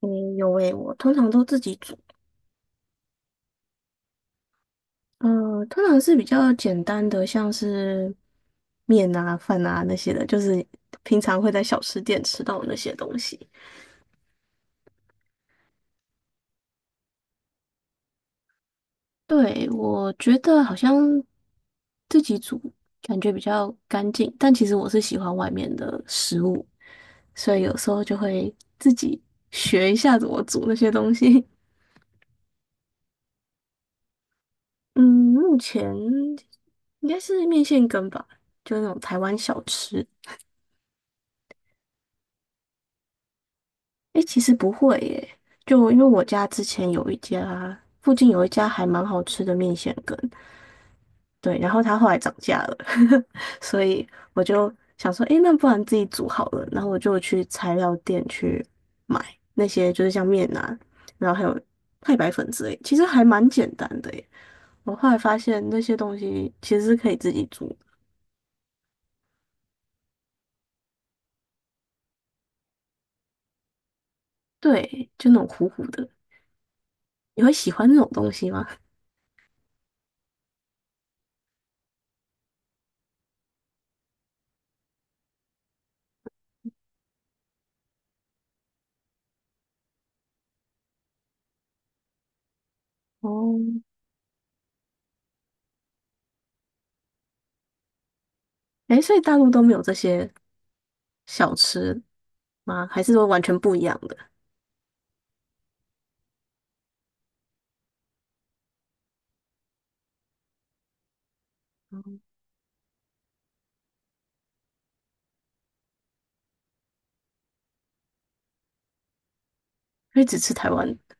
嗯，有诶，我通常都自己煮，通常是比较简单的，像是面啊、饭啊那些的，就是平常会在小吃店吃到的那些东西。对，我觉得好像自己煮感觉比较干净，但其实我是喜欢外面的食物，所以有时候就会自己学一下怎么煮那些东西。嗯，目前应该是面线羹吧，就是那种台湾小吃。诶，其实不会耶，就因为我家之前有一家，附近有一家还蛮好吃的面线羹，对，然后它后来涨价了，所以我就想说，诶，那不然自己煮好了，然后我就去材料店去买那些就是像面啊，然后还有太白粉之类，其实还蛮简单的耶。我后来发现那些东西其实是可以自己煮，对，就那种糊糊的，你会喜欢那种东西吗？哦，诶，所以大陆都没有这些小吃。吗？还是说完全不一样的？所以只吃台湾的。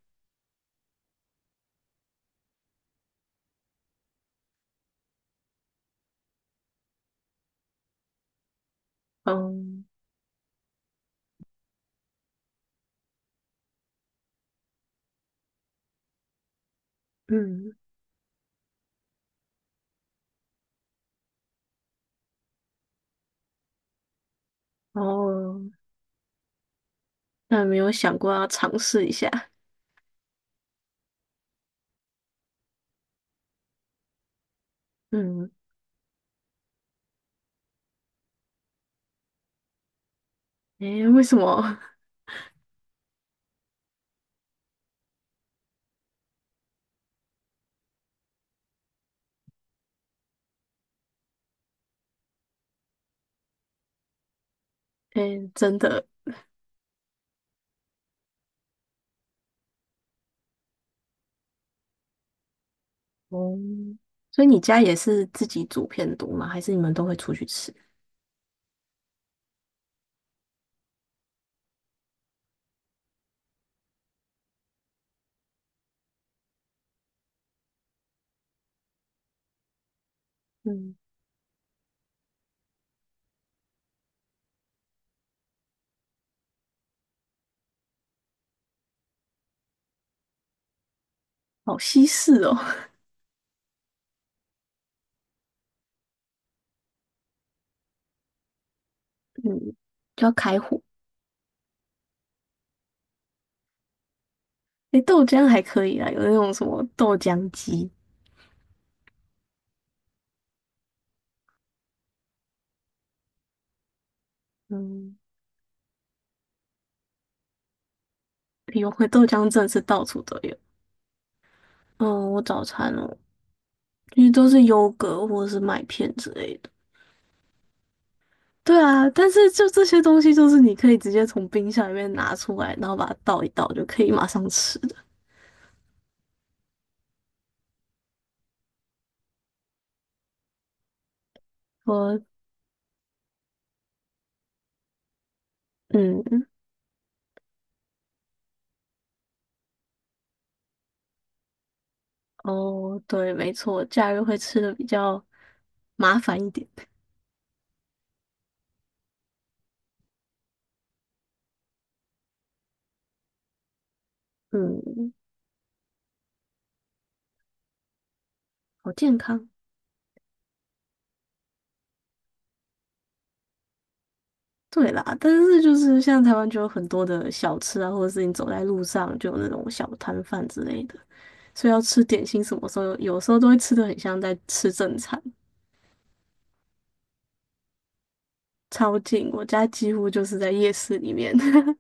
嗯嗯，哦，那没有想过要尝试一下。嗯，诶，为什么？诶，真的。哦，所以你家也是自己煮偏多吗？还是你们都会出去吃？嗯，好西式哦。嗯，就要开火。诶，豆浆还可以啊，有那种什么豆浆机。嗯，有会豆浆真的是到处都有。嗯，我早餐哦，因为都是优格或者是麦片之类的。对啊，但是就这些东西，就是你可以直接从冰箱里面拿出来，然后把它倒一倒，就可以马上吃的我嗯，哦，对，没错，假日会吃的比较麻烦一点。嗯，好健康。对啦，但是就是像台湾就有很多的小吃啊，或者是你走在路上就有那种小摊贩之类的，所以要吃点心，什么时候有时候都会吃的很像在吃正餐，超近，我家几乎就是在夜市里面。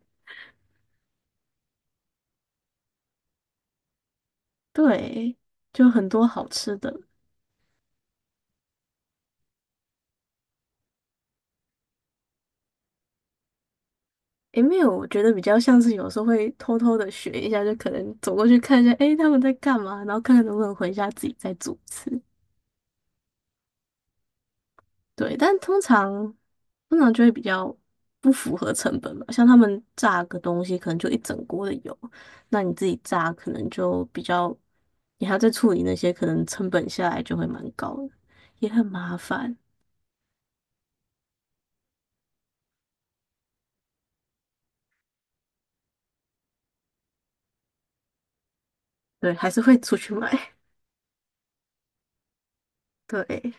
对，就很多好吃的。诶，没有，我觉得比较像是有时候会偷偷的学一下，就可能走过去看一下，诶，他们在干嘛，然后看看能不能回家自己再组词。对，但通常就会比较不符合成本嘛，像他们炸个东西可能就一整锅的油，那你自己炸可能就比较，你还要再处理那些，可能成本下来就会蛮高的，也很麻烦。对，还是会出去买。对，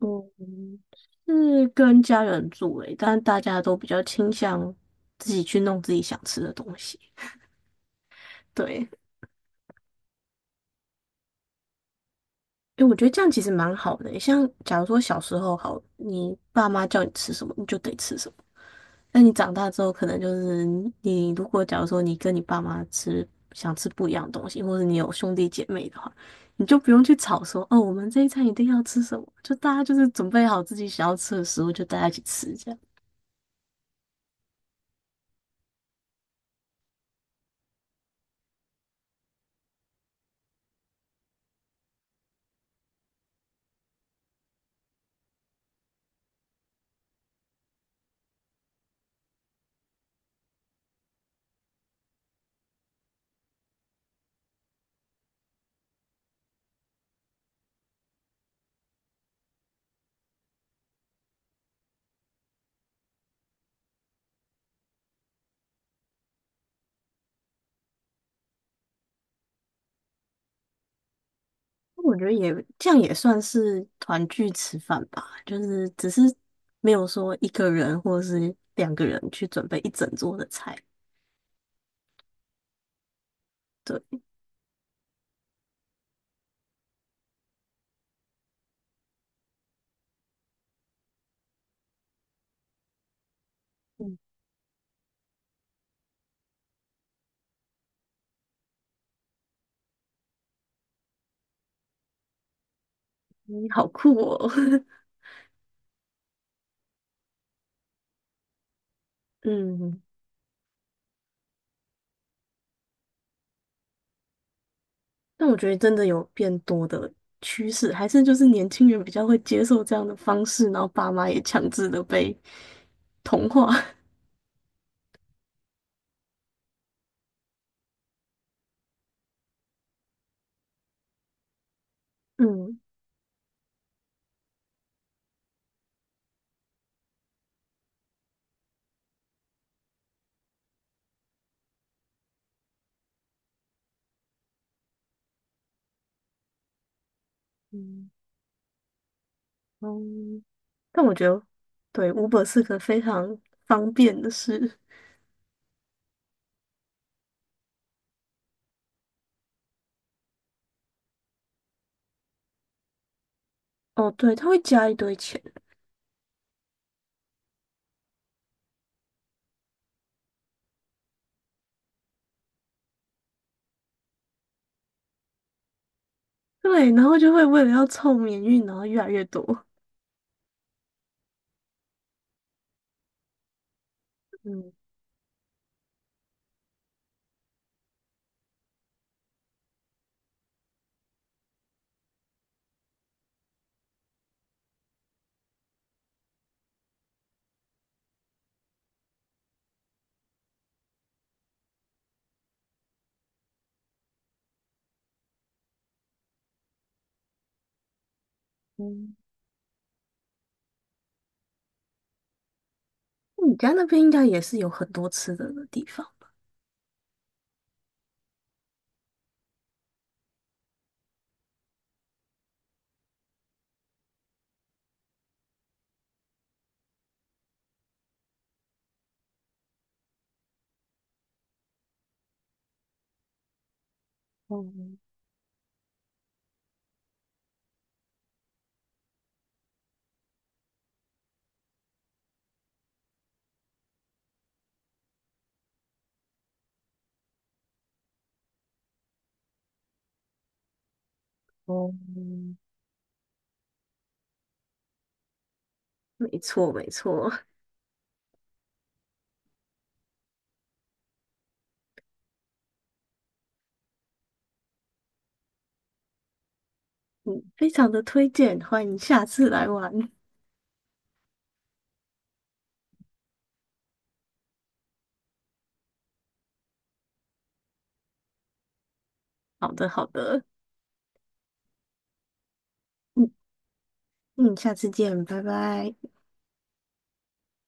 嗯，是跟家人住诶，但大家都比较倾向自己去弄自己想吃的东西。对，因为我觉得这样其实蛮好的诶像假如说小时候好，你爸妈叫你吃什么，你就得吃什么。那你长大之后，可能就是你如果假如说你跟你爸妈吃想吃不一样的东西，或者你有兄弟姐妹的话，你就不用去吵说哦，我们这一餐一定要吃什么，就大家就是准备好自己想要吃的食物，就大家一起吃这样。我觉得也这样也算是团聚吃饭吧，就是只是没有说一个人或者是两个人去准备一整桌的菜。对，嗯，你好酷哦。嗯，但我觉得真的有变多的趋势，还是就是年轻人比较会接受这样的方式，然后爸妈也强制的被同化。嗯嗯嗯，但我觉得对 Uber 是个非常方便的事。哦，对，他会加一堆钱。对，然后就会为了要凑免运，然后越来越多。嗯嗯，你家那边应该也是有很多吃的的地方吧？哦哦，没错，没错，嗯，非常的推荐，欢迎下次来玩。好的，好的，嗯嗯，下次见，拜拜。